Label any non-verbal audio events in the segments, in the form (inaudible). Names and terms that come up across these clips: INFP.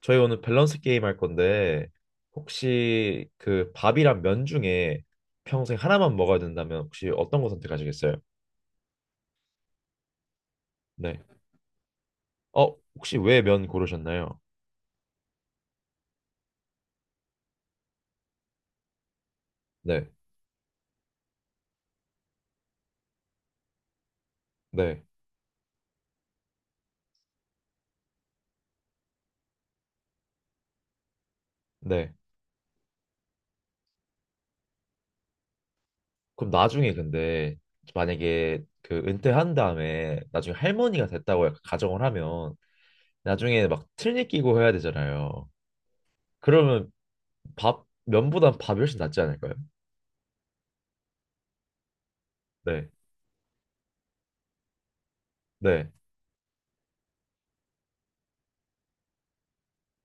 저희 오늘 밸런스 게임 할 건데 혹시 그 밥이랑 면 중에 평생 하나만 먹어야 된다면 혹시 어떤 거 선택하시겠어요? 네. 혹시 왜 면 고르셨나요? 네. 네. 네. 그럼 나중에 근데 만약에 그 은퇴한 다음에 나중에 할머니가 됐다고 약간 가정을 하면 나중에 막 틀니 끼고 해야 되잖아요. 그러면 밥 면보단 밥이 훨씬 낫지 않을까요? 네. 네.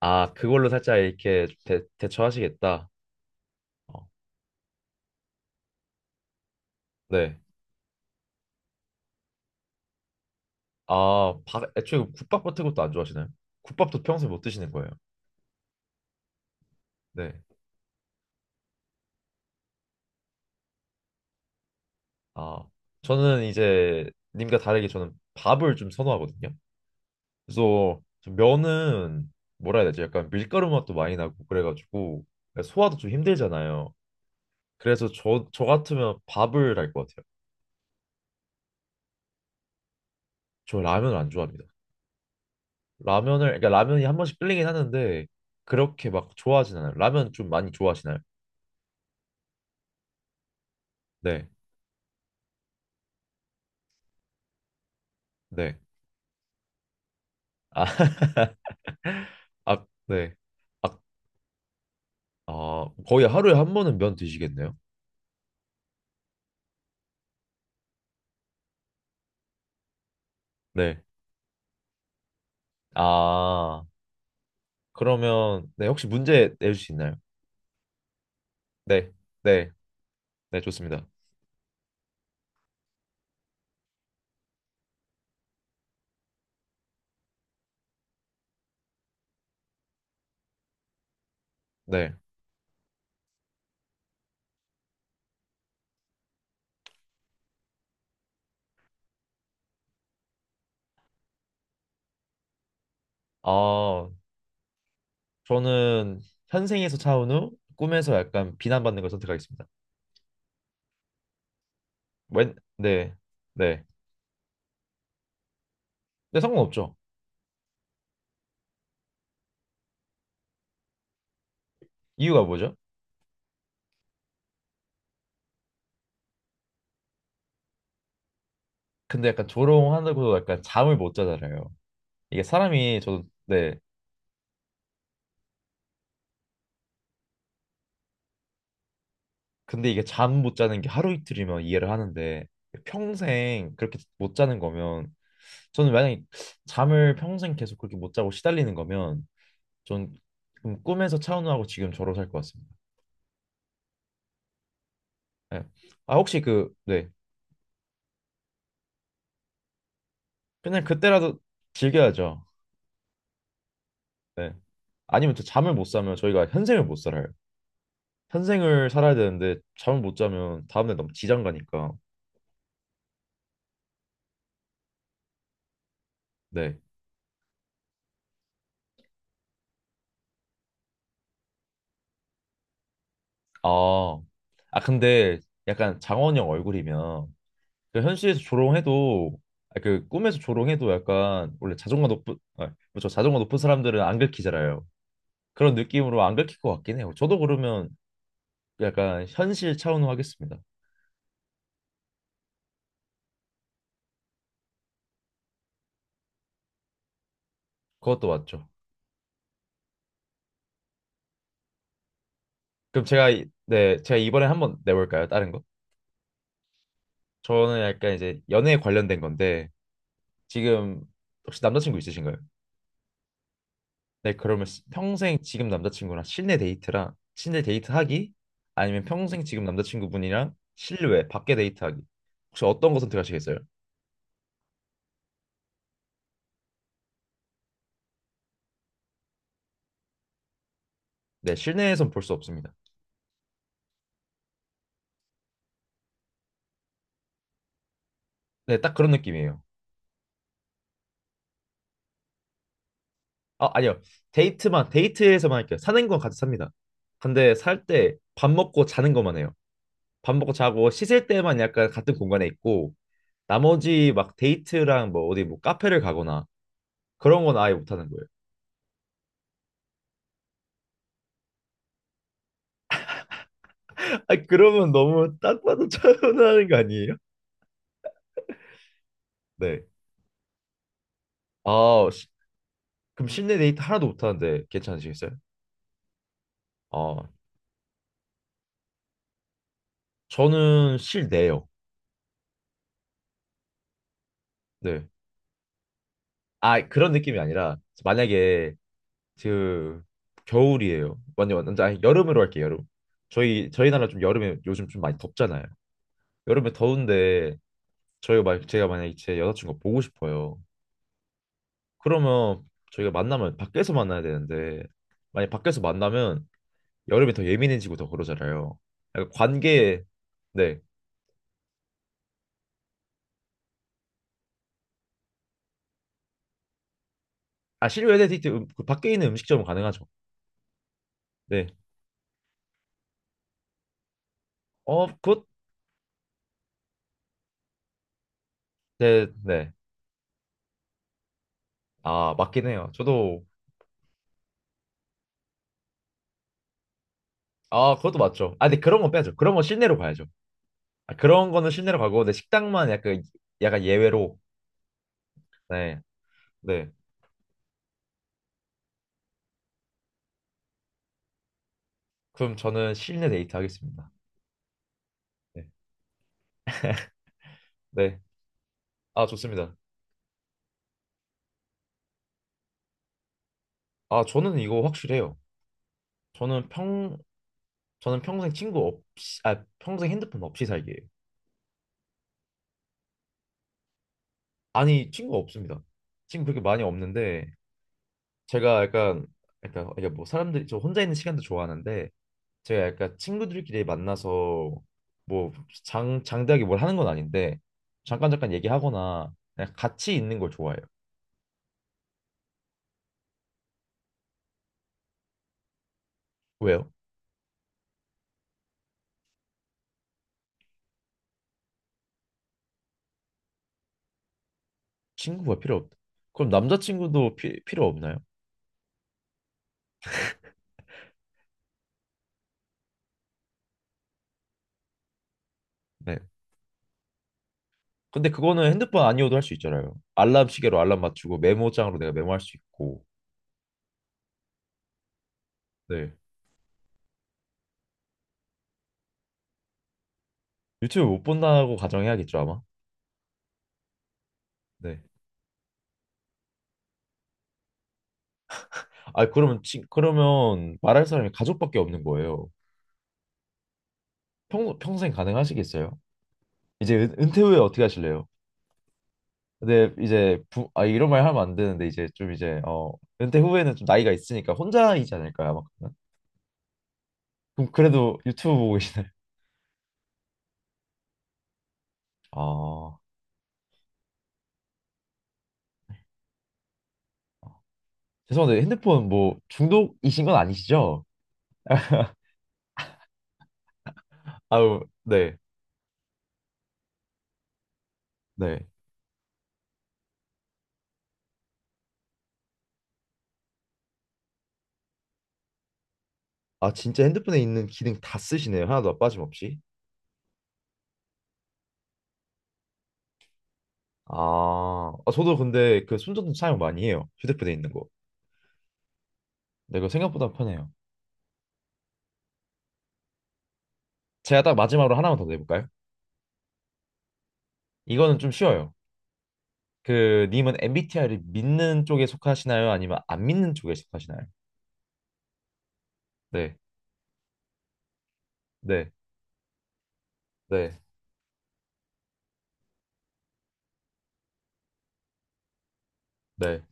아, 그걸로 살짝 이렇게 대처하시겠다. 어, 네. 애초에 그 국밥 같은 것도 안 좋아하시나요? 국밥도 평소에 못 드시는 거예요. 네. 아, 저는 이제 님과 다르게 저는 밥을 좀 선호하거든요. 그래서 좀 면은 뭐라 해야 되지? 약간 밀가루 맛도 많이 나고 그래가지고 그러니까 소화도 좀 힘들잖아요. 그래서 저 같으면 밥을 할 것 같아요. 저 라면을 안 좋아합니다. 라면을, 그러니까 라면이 한 번씩 끌리긴 하는데 그렇게 막 좋아하진 않아요. 라면 좀 많이 좋아하시나요? 네, 네. 아, (laughs) 아, 네. 아, 거의 하루에 한 번은 면 드시겠네요? 네. 아, 그러면, 네, 혹시 문제 내줄 수 있나요? 네, 네, 네, 좋습니다. 네. 아, 저는 현생에서 차은 후 꿈에서 약간 비난받는 걸 선택하겠습니다. 네, 네. 근데 상관없죠. 이유가 뭐죠? 근데 약간 조롱하고 약간 잠을 못 자잖아요. 이게 사람이 저도, 네, 근데 이게 잠 못 자는 게 하루 이틀이면 이해를 하는데 평생 그렇게 못 자는 거면 저는 만약에 잠을 평생 계속 그렇게 못 자고 시달리는 거면 전는 꿈에서 차은우하고 지금 저로 살 것 같습니다. 네. 아 혹시 그 네. 그냥 그때라도 즐겨야죠. 네. 아니면 또 잠을 못 자면 저희가 현생을 못 살아요. 현생을 살아야 되는데 잠을 못 자면 다음날 너무 지장 가니까. 네. 아. 아 근데 약간 장원영 얼굴이면 그 현실에서 조롱해도 아, 그 꿈에서 조롱해도 약간 원래 자존감 높은 아, 그렇죠 자존감 높은 사람들은 안 긁히잖아요. 그런 느낌으로 안 긁힐 것 같긴 해요. 저도 그러면 약간 현실 차원으로 하겠습니다. 그것도 맞죠. 그럼 제가 네 제가 이번에 한번 내볼까요? 다른 거? 저는 약간 이제 연애에 관련된 건데 지금 혹시 남자친구 있으신가요? 네, 그러면 평생 지금 남자친구랑 실내 데이트랑 실내 데이트 하기 아니면 평생 지금 남자친구분이랑 실외 밖에 데이트 하기 혹시 어떤 거 선택하시겠어요? 네, 실내에선 볼 수 없습니다. 네, 딱 그런 느낌이에요. 아, 아니요. 데이트만 데이트에서만 할게요. 사는 건 같이 삽니다. 근데 살 때 밥 먹고 자는 것만 해요. 밥 먹고 자고 씻을 때만 약간 같은 공간에 있고 나머지 막 데이트랑 뭐 어디 뭐 카페를 가거나 그런 건 아예 못 하는 거예요. (laughs) 아, 그러면 너무 딱 봐도 (laughs) 차분하는 거 아니에요? 네. 아, 그럼 실내 데이트 하나도 못하는데 괜찮으시겠어요? 아, 저는 실내요. 네. 아, 그런 느낌이 아니라 만약에 그 겨울이에요. 완전 완전 아니, 여름으로 할게요. 여름. 저희 나라 좀 여름에 요즘 좀 많이 덥잖아요. 여름에 더운데 저희가 막 제가 만약에 제 여자친구 보고 싶어요. 그러면 저희가 만나면 밖에서 만나야 되는데 만약 밖에서 만나면 여름에 더 예민해지고 더 그러잖아요. 약간 관계 네 아, 실외 데이트 그 밖에 있는 음식점은 가능하죠. 네. 그것 네, 네. 아, 맞긴 해요. 저도 아, 그것도 맞죠. 아, 근데 그런 건 빼야죠. 그런 건 실내로 가야죠. 아, 그런 거는 실내로 가고 근데 식당만 약간 예외로 네. 네. 그럼 저는 실내 데이트 하겠습니다. 네. 네. 아, 좋습니다. 아, 저는 이거 확실해요. 저는 평 저는 평생 친구 없이 아, 평생 핸드폰 없이 살기예요. 아니, 친구 없습니다. 친구 그렇게 많이 없는데 제가 약간 이게 뭐 사람들이 저 혼자 있는 시간도 좋아하는데 제가 약간 친구들끼리 만나서 뭐 장 장대하게 뭘 하는 건 아닌데 잠깐 잠깐 얘기하거나 그냥 같이 있는 걸 좋아해요. 왜요? 친구가 필요 없다. 그럼 남자친구도 필요 없나요? 네. 근데 그거는 핸드폰 아니어도 할 수 있잖아요. 알람 시계로 알람 맞추고 메모장으로 내가 메모할 수 있고. 네. 유튜브 못 본다고 가정해야겠죠, 아마. 네. 아, 그러면 말할 사람이 가족밖에 없는 거예요. 평생 가능하시겠어요? 이제 은퇴 후에 어떻게 하실래요? 근데 이제 아 이런 말 하면 안 되는데 이제 좀 이제 은퇴 후에는 좀 나이가 있으니까 혼자이지 않을까요? 아마 그러면? 그럼 그래도 유튜브 보고 계시나요? 아 죄송한데 핸드폰 뭐 중독이신 건 아니시죠? 아유 네 네. 아 진짜 핸드폰에 있는 기능 다 쓰시네요. 하나도 빠짐없이. 저도 근데 그 손전등 사용 많이 해요. 휴대폰에 있는 거. 근데 그거 생각보다 편해요. 제가 딱 마지막으로 하나만 더 내볼까요? 이거는 좀 쉬워요. 그 님은 MBTI를 믿는 쪽에 속하시나요? 아니면 안 믿는 쪽에 속하시나요? 네, 네, 네, 네.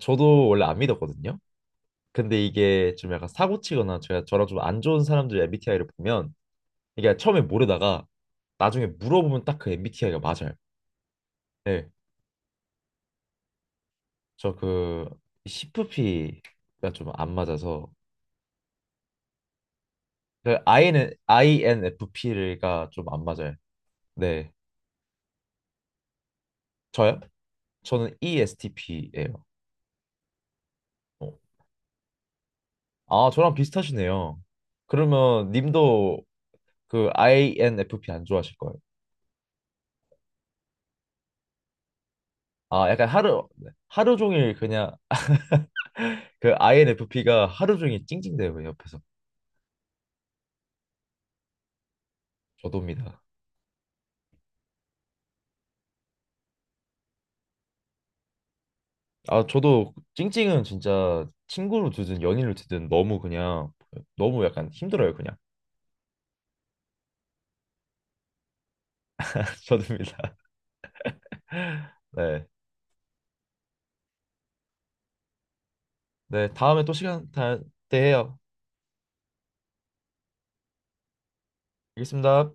저도 원래 안 믿었거든요. 근데 이게 좀 약간 사고치거나 제가 저랑 좀 안 좋은 사람들 MBTI를 보면 이게 처음에 모르다가 나중에 물어보면 딱 그 MBTI가 맞아요. 네, 저그 CFP가 좀 안 맞아서 그 INFP가 좀 안 맞아요. 네, 저요? 저는 ESTP예요. 아, 저랑 비슷하시네요. 그러면 님도 그 INFP 안 좋아하실 거예요. 아, 약간 하루 네. 하루 종일 그냥 그 INFP가 하루 종일 찡찡대요, 그 옆에서. 저도입니다. 아, 저도 찡찡은 진짜 친구로 두든 연인으로 두든 너무 그냥 너무 약간 힘들어요, 그냥. (laughs) 저도입니다. 네. 네, 다음에 또 시간 될 때 해요. 알겠습니다.